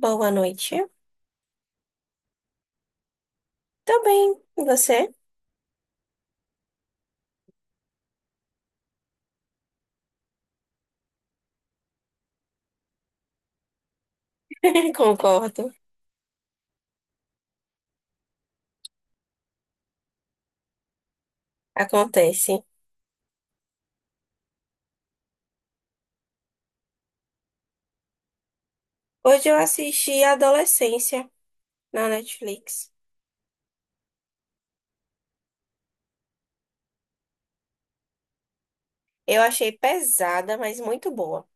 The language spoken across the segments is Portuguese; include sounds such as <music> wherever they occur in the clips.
Boa noite. Tô bem, e você? <laughs> Concordo, acontece. Hoje eu assisti Adolescência na Netflix. Eu achei pesada, mas muito boa.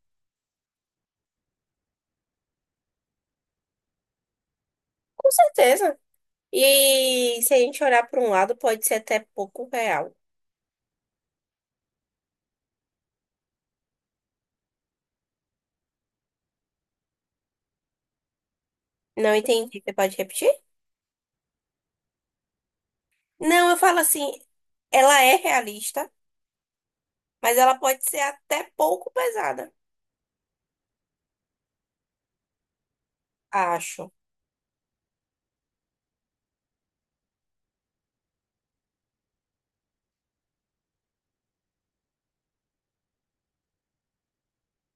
Com certeza. E se a gente olhar para um lado, pode ser até pouco real. Não entendi. Você pode repetir? Não, eu falo assim, ela é realista, mas ela pode ser até pouco pesada, acho.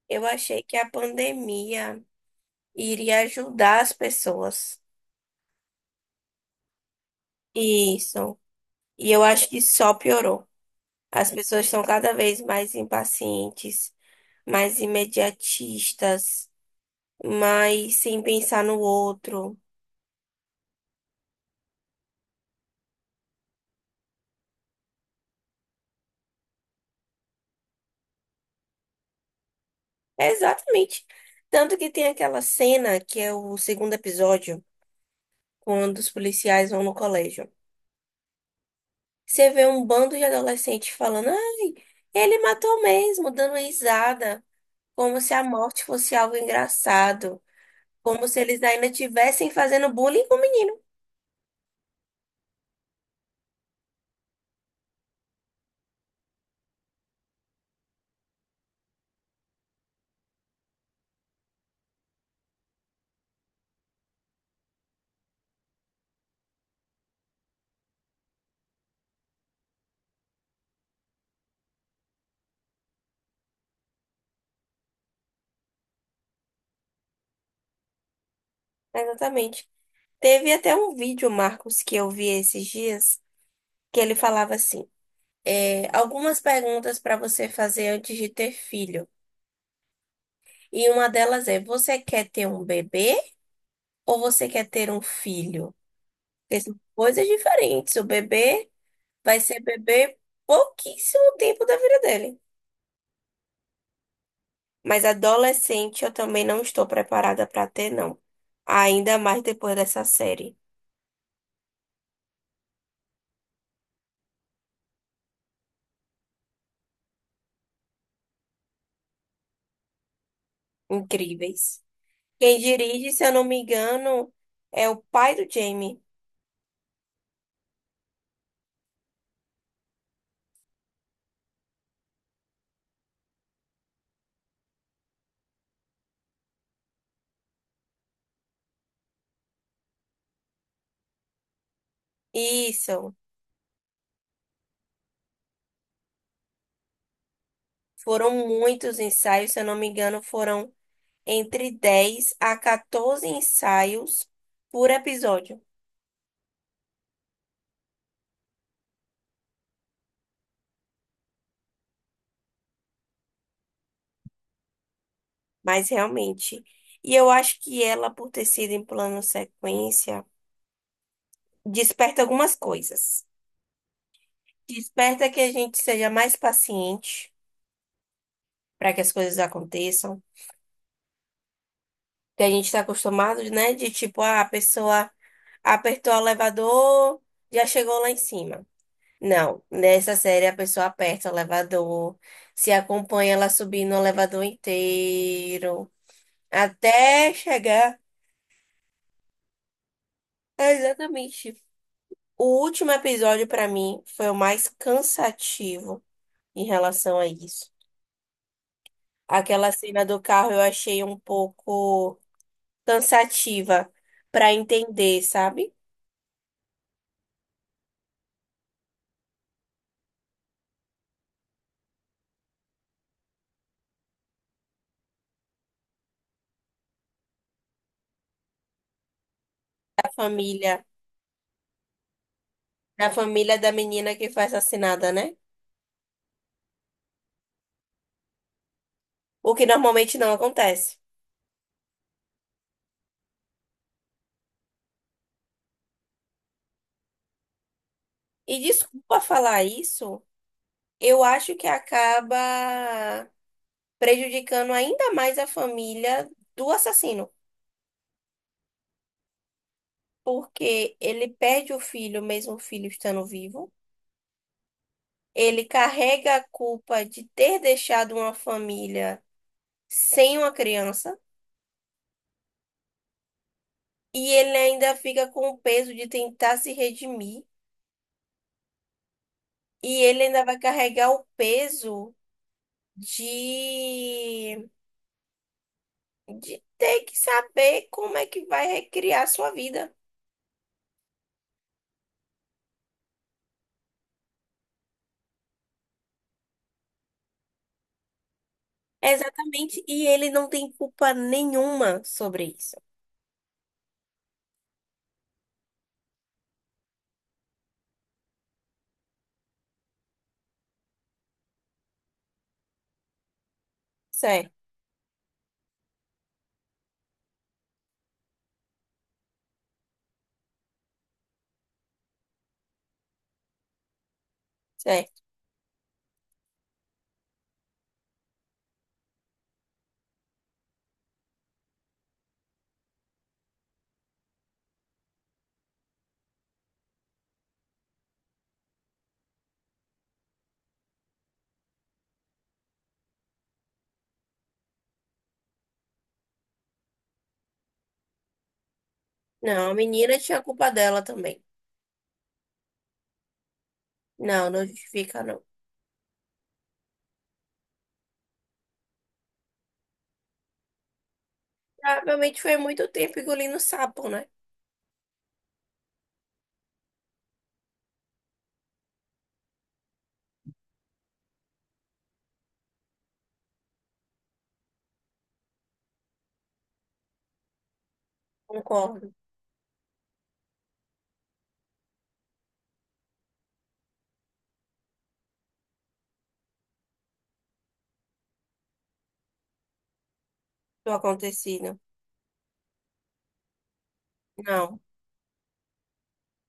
Eu achei que a pandemia iria ajudar as pessoas. Isso. E eu acho que só piorou. As pessoas estão cada vez mais impacientes, mais imediatistas, mais sem pensar no outro. É exatamente. Tanto que tem aquela cena que é o segundo episódio, quando os policiais vão no colégio. Você vê um bando de adolescentes falando: ai, ele matou mesmo, dando risada, como se a morte fosse algo engraçado, como se eles ainda estivessem fazendo bullying com o menino. Exatamente. Teve até um vídeo, Marcos, que eu vi esses dias, que ele falava assim: é, algumas perguntas para você fazer antes de ter filho. E uma delas é: você quer ter um bebê ou você quer ter um filho? Porque são coisas diferentes. O bebê vai ser bebê pouquíssimo tempo da vida dele. Mas adolescente eu também não estou preparada para ter, não. Ainda mais depois dessa série. Incríveis. Quem dirige, se eu não me engano, é o pai do Jamie. Isso. Foram muitos ensaios, se eu não me engano, foram entre 10 a 14 ensaios por episódio. Mas realmente. E eu acho que ela, por ter sido em plano sequência, desperta algumas coisas. Desperta que a gente seja mais paciente para que as coisas aconteçam. Que a gente está acostumado, né? De tipo, ah, a pessoa apertou o elevador, já chegou lá em cima. Não, nessa série a pessoa aperta o elevador, se acompanha ela subindo o elevador inteiro, até chegar. É, exatamente. O último episódio pra mim foi o mais cansativo em relação a isso. Aquela cena do carro eu achei um pouco cansativa pra entender, sabe? Da família, da família da menina que foi assassinada, né? O que normalmente não acontece. E desculpa falar isso. Eu acho que acaba prejudicando ainda mais a família do assassino, porque ele perde o filho, mesmo o filho estando vivo. Ele carrega a culpa de ter deixado uma família sem uma criança, e ele ainda fica com o peso de tentar se redimir, e ele ainda vai carregar o peso de, de ter que saber como é que vai recriar sua vida. Exatamente, e ele não tem culpa nenhuma sobre isso. Certo, certo. Não, a menina tinha culpa dela também. Não, não justifica, não. Provavelmente foi muito tempo engolindo sapo, né? Concordo do acontecido. Não.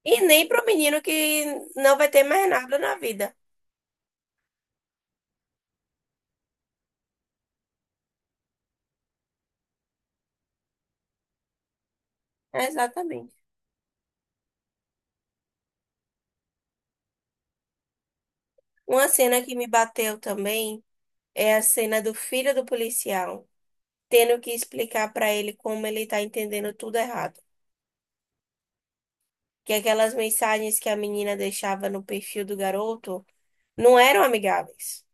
E nem pro menino que não vai ter mais nada na vida. Exatamente. Uma cena que me bateu também é a cena do filho do policial, tendo que explicar para ele como ele tá entendendo tudo errado. Que aquelas mensagens que a menina deixava no perfil do garoto não eram amigáveis.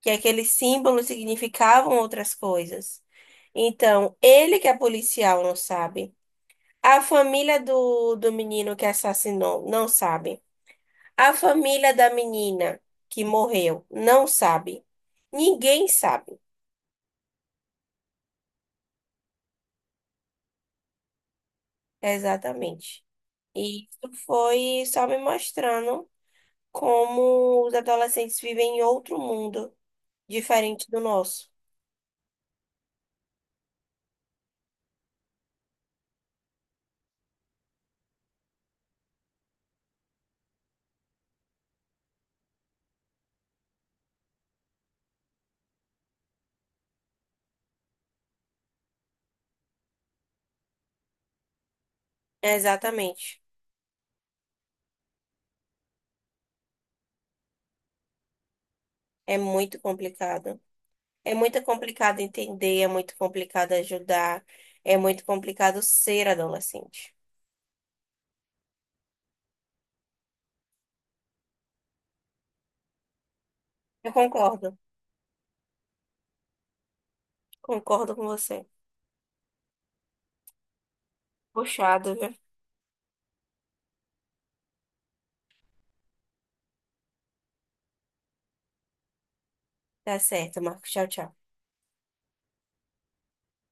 Que aqueles símbolos significavam outras coisas. Então, ele que é policial não sabe. A família do menino que assassinou não sabe. A família da menina que morreu não sabe. Ninguém sabe exatamente. E isso foi só me mostrando como os adolescentes vivem em outro mundo, diferente do nosso. Exatamente. É muito complicado. É muito complicado entender, é muito complicado ajudar, é muito complicado ser adolescente. Eu concordo, concordo com você. Puxado, viu? Tá certo, Marcos. Tchau, tchau.